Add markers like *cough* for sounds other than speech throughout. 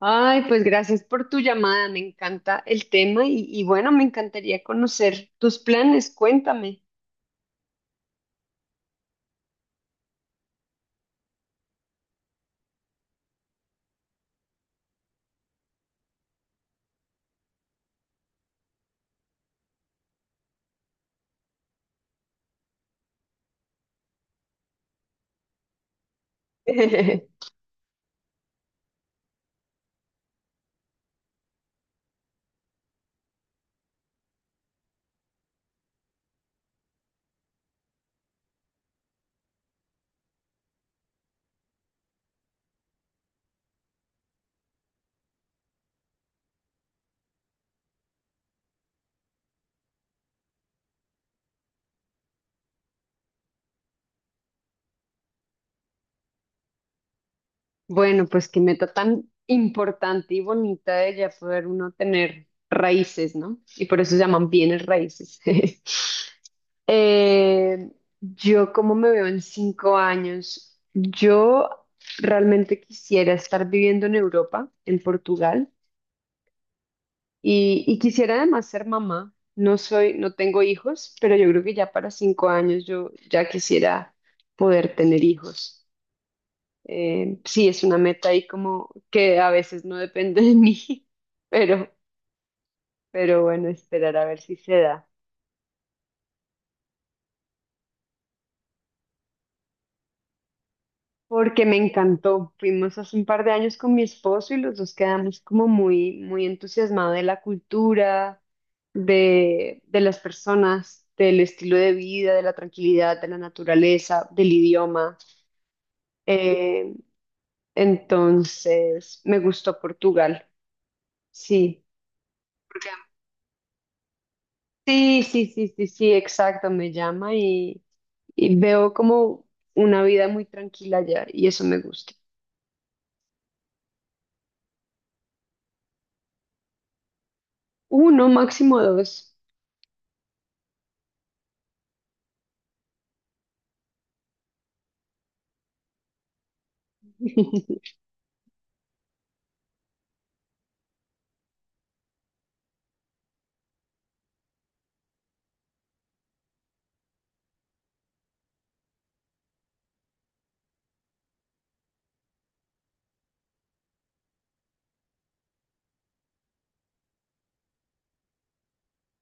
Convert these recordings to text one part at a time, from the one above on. Ay, pues gracias por tu llamada, me encanta el tema y bueno, me encantaría conocer tus planes, cuéntame. *laughs* Bueno, pues qué meta tan importante y bonita de ya poder uno tener raíces, ¿no? Y por eso se llaman bienes raíces. *laughs* Eh, yo, ¿cómo me veo en 5 años? Yo realmente quisiera estar viviendo en Europa, en Portugal. Y quisiera además ser mamá. No soy, no tengo hijos, pero yo creo que ya para 5 años yo ya quisiera poder tener hijos. Sí, es una meta ahí como que a veces no depende de mí, *laughs* pero, pero bueno, esperar a ver si se da. Porque me encantó. Fuimos hace un par de años con mi esposo y los dos quedamos como muy, muy entusiasmados de la cultura, de las personas, del estilo de vida, de la tranquilidad, de la naturaleza, del idioma. Eh, entonces, me gustó Portugal. Sí. Sí, sí, sí, sí, sí, exacto. Me llama y veo como una vida muy tranquila allá y eso me gusta. Uno, máximo dos. *laughs*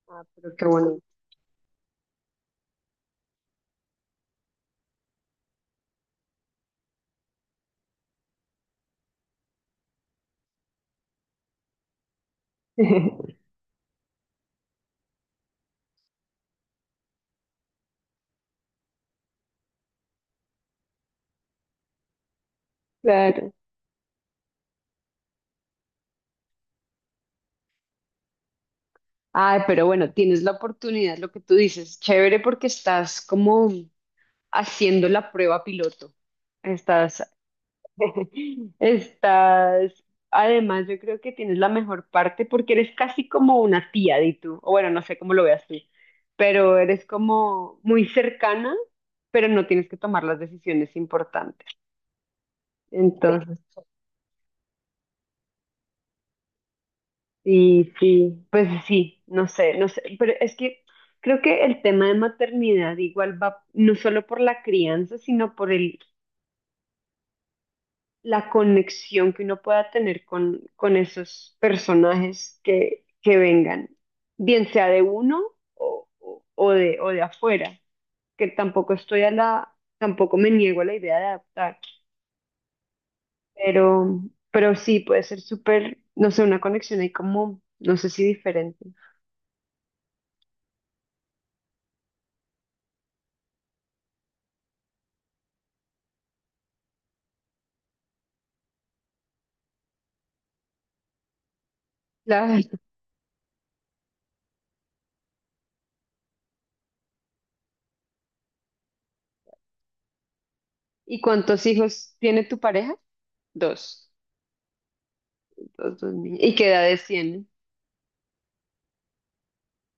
Ah, pero qué bueno. *laughs* Claro. Ay, pero bueno, tienes la oportunidad, lo que tú dices, chévere porque estás como haciendo la prueba piloto. Estás, *laughs* estás, además yo creo que tienes la mejor parte porque eres casi como una tía de tú, o bueno, no sé cómo lo veas tú, pero eres como muy cercana, pero no tienes que tomar las decisiones importantes. Entonces, y sí, pues sí, no sé, no sé, pero es que creo que el tema de maternidad igual va no solo por la crianza, sino por el, la conexión que uno pueda tener con esos personajes que vengan, bien sea de uno o de afuera, que tampoco estoy a la, tampoco me niego a la idea de adaptar, pero, pero sí puede ser súper, no sé, una conexión ahí como, no sé si diferente. ¿Y cuántos hijos tiene tu pareja? Dos. Dos, dos niños. ¿Y qué edades tienen?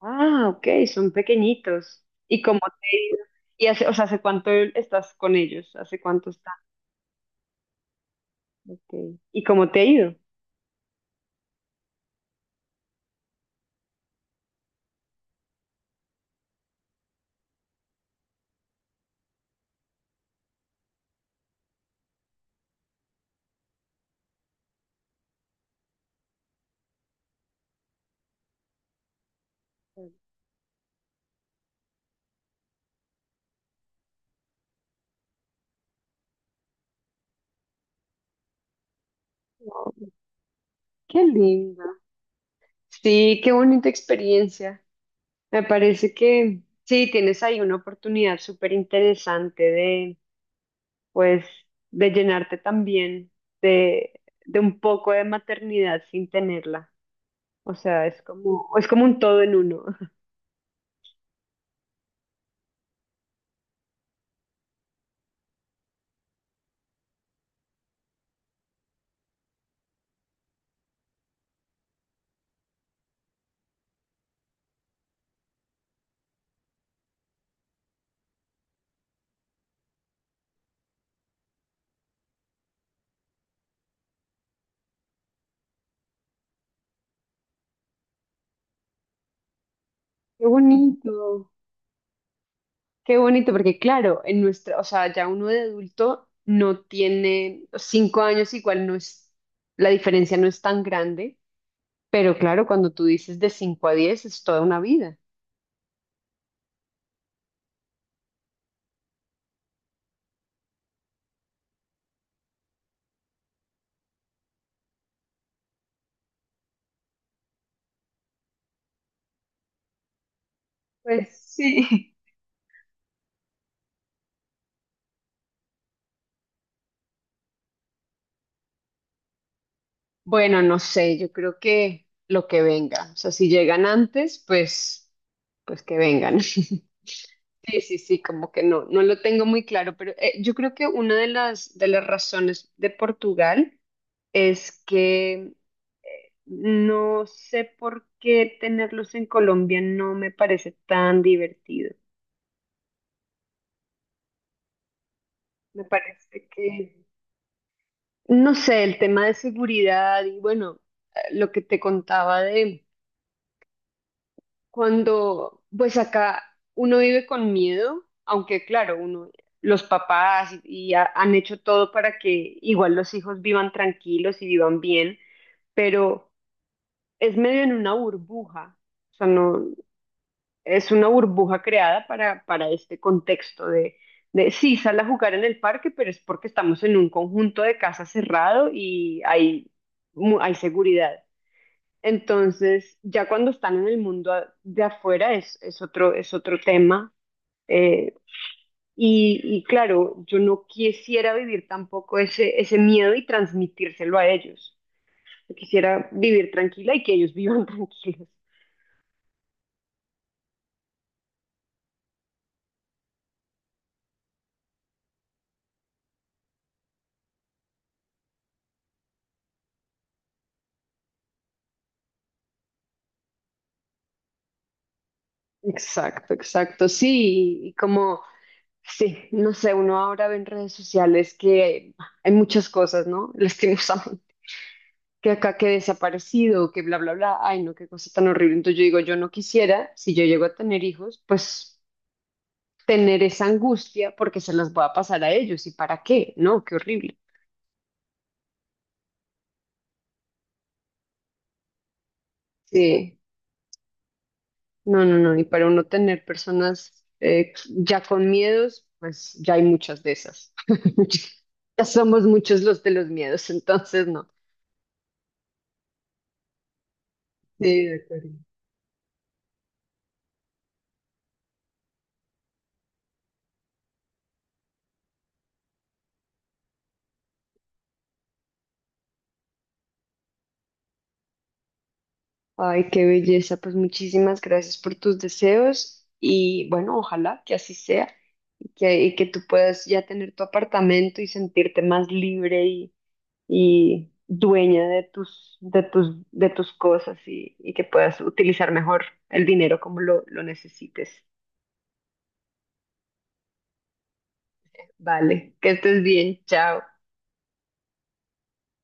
Ah, ok, son pequeñitos. ¿Y cómo te ha ido? ¿Y hace, o sea, hace cuánto estás con ellos? ¿Hace cuánto están? Ok. ¿Y cómo te ha ido? Oh, qué lindo. Sí, qué bonita experiencia. Me parece que sí, tienes ahí una oportunidad súper interesante de, pues, de llenarte también de, de un poco de maternidad sin tenerla. O sea, es como un todo en uno. *laughs* Qué bonito, qué bonito, porque claro, en nuestra, o sea, ya uno de adulto no tiene 5 años, igual no es, la diferencia no es tan grande, pero claro, cuando tú dices de 5 a 10 es toda una vida. Pues sí. *laughs* Bueno, no sé, yo creo que lo que venga, o sea, si llegan antes, pues, pues que vengan. *laughs* Sí, sí, sí, como que no, no lo tengo muy claro, pero yo creo que una de las razones de Portugal es que no sé por qué tenerlos en Colombia no me parece tan divertido. Me parece que, no sé, el tema de seguridad y bueno, lo que te contaba de cuando, pues acá uno vive con miedo, aunque claro, uno, los papás y han hecho todo para que igual los hijos vivan tranquilos y vivan bien, pero es medio en una burbuja. O sea, no, es una burbuja creada para este contexto de sí, sal a jugar en el parque, pero es porque estamos en un conjunto de casas cerrado y hay, hay seguridad. Entonces, ya cuando están en el mundo de afuera es otro tema. eh, y claro, yo no quisiera vivir tampoco ese miedo y transmitírselo a ellos. Yo quisiera vivir tranquila y que ellos vivan *laughs* tranquilos. Exacto, exacto, sí, y como sí, no sé, uno ahora ve en redes sociales que hay muchas cosas, ¿no? Lastimosamente, que *laughs* acá que desaparecido, que bla, bla, bla. Ay, no, qué cosa tan horrible. Entonces yo digo, yo no quisiera, si yo llego a tener hijos, pues tener esa angustia porque se las voy a pasar a ellos. ¿Y para qué? No, qué horrible. Sí, no, no, no. Y para uno tener personas ya con miedos, pues ya hay muchas de esas. *laughs* Ya somos muchos los de los miedos, entonces no. Sí, de acuerdo. Ay, qué belleza. Pues muchísimas gracias por tus deseos y bueno, ojalá que así sea y que tú puedas ya tener tu apartamento y sentirte más libre y dueña de tus, cosas y que puedas utilizar mejor el dinero como lo necesites. Vale, que estés bien. Chao.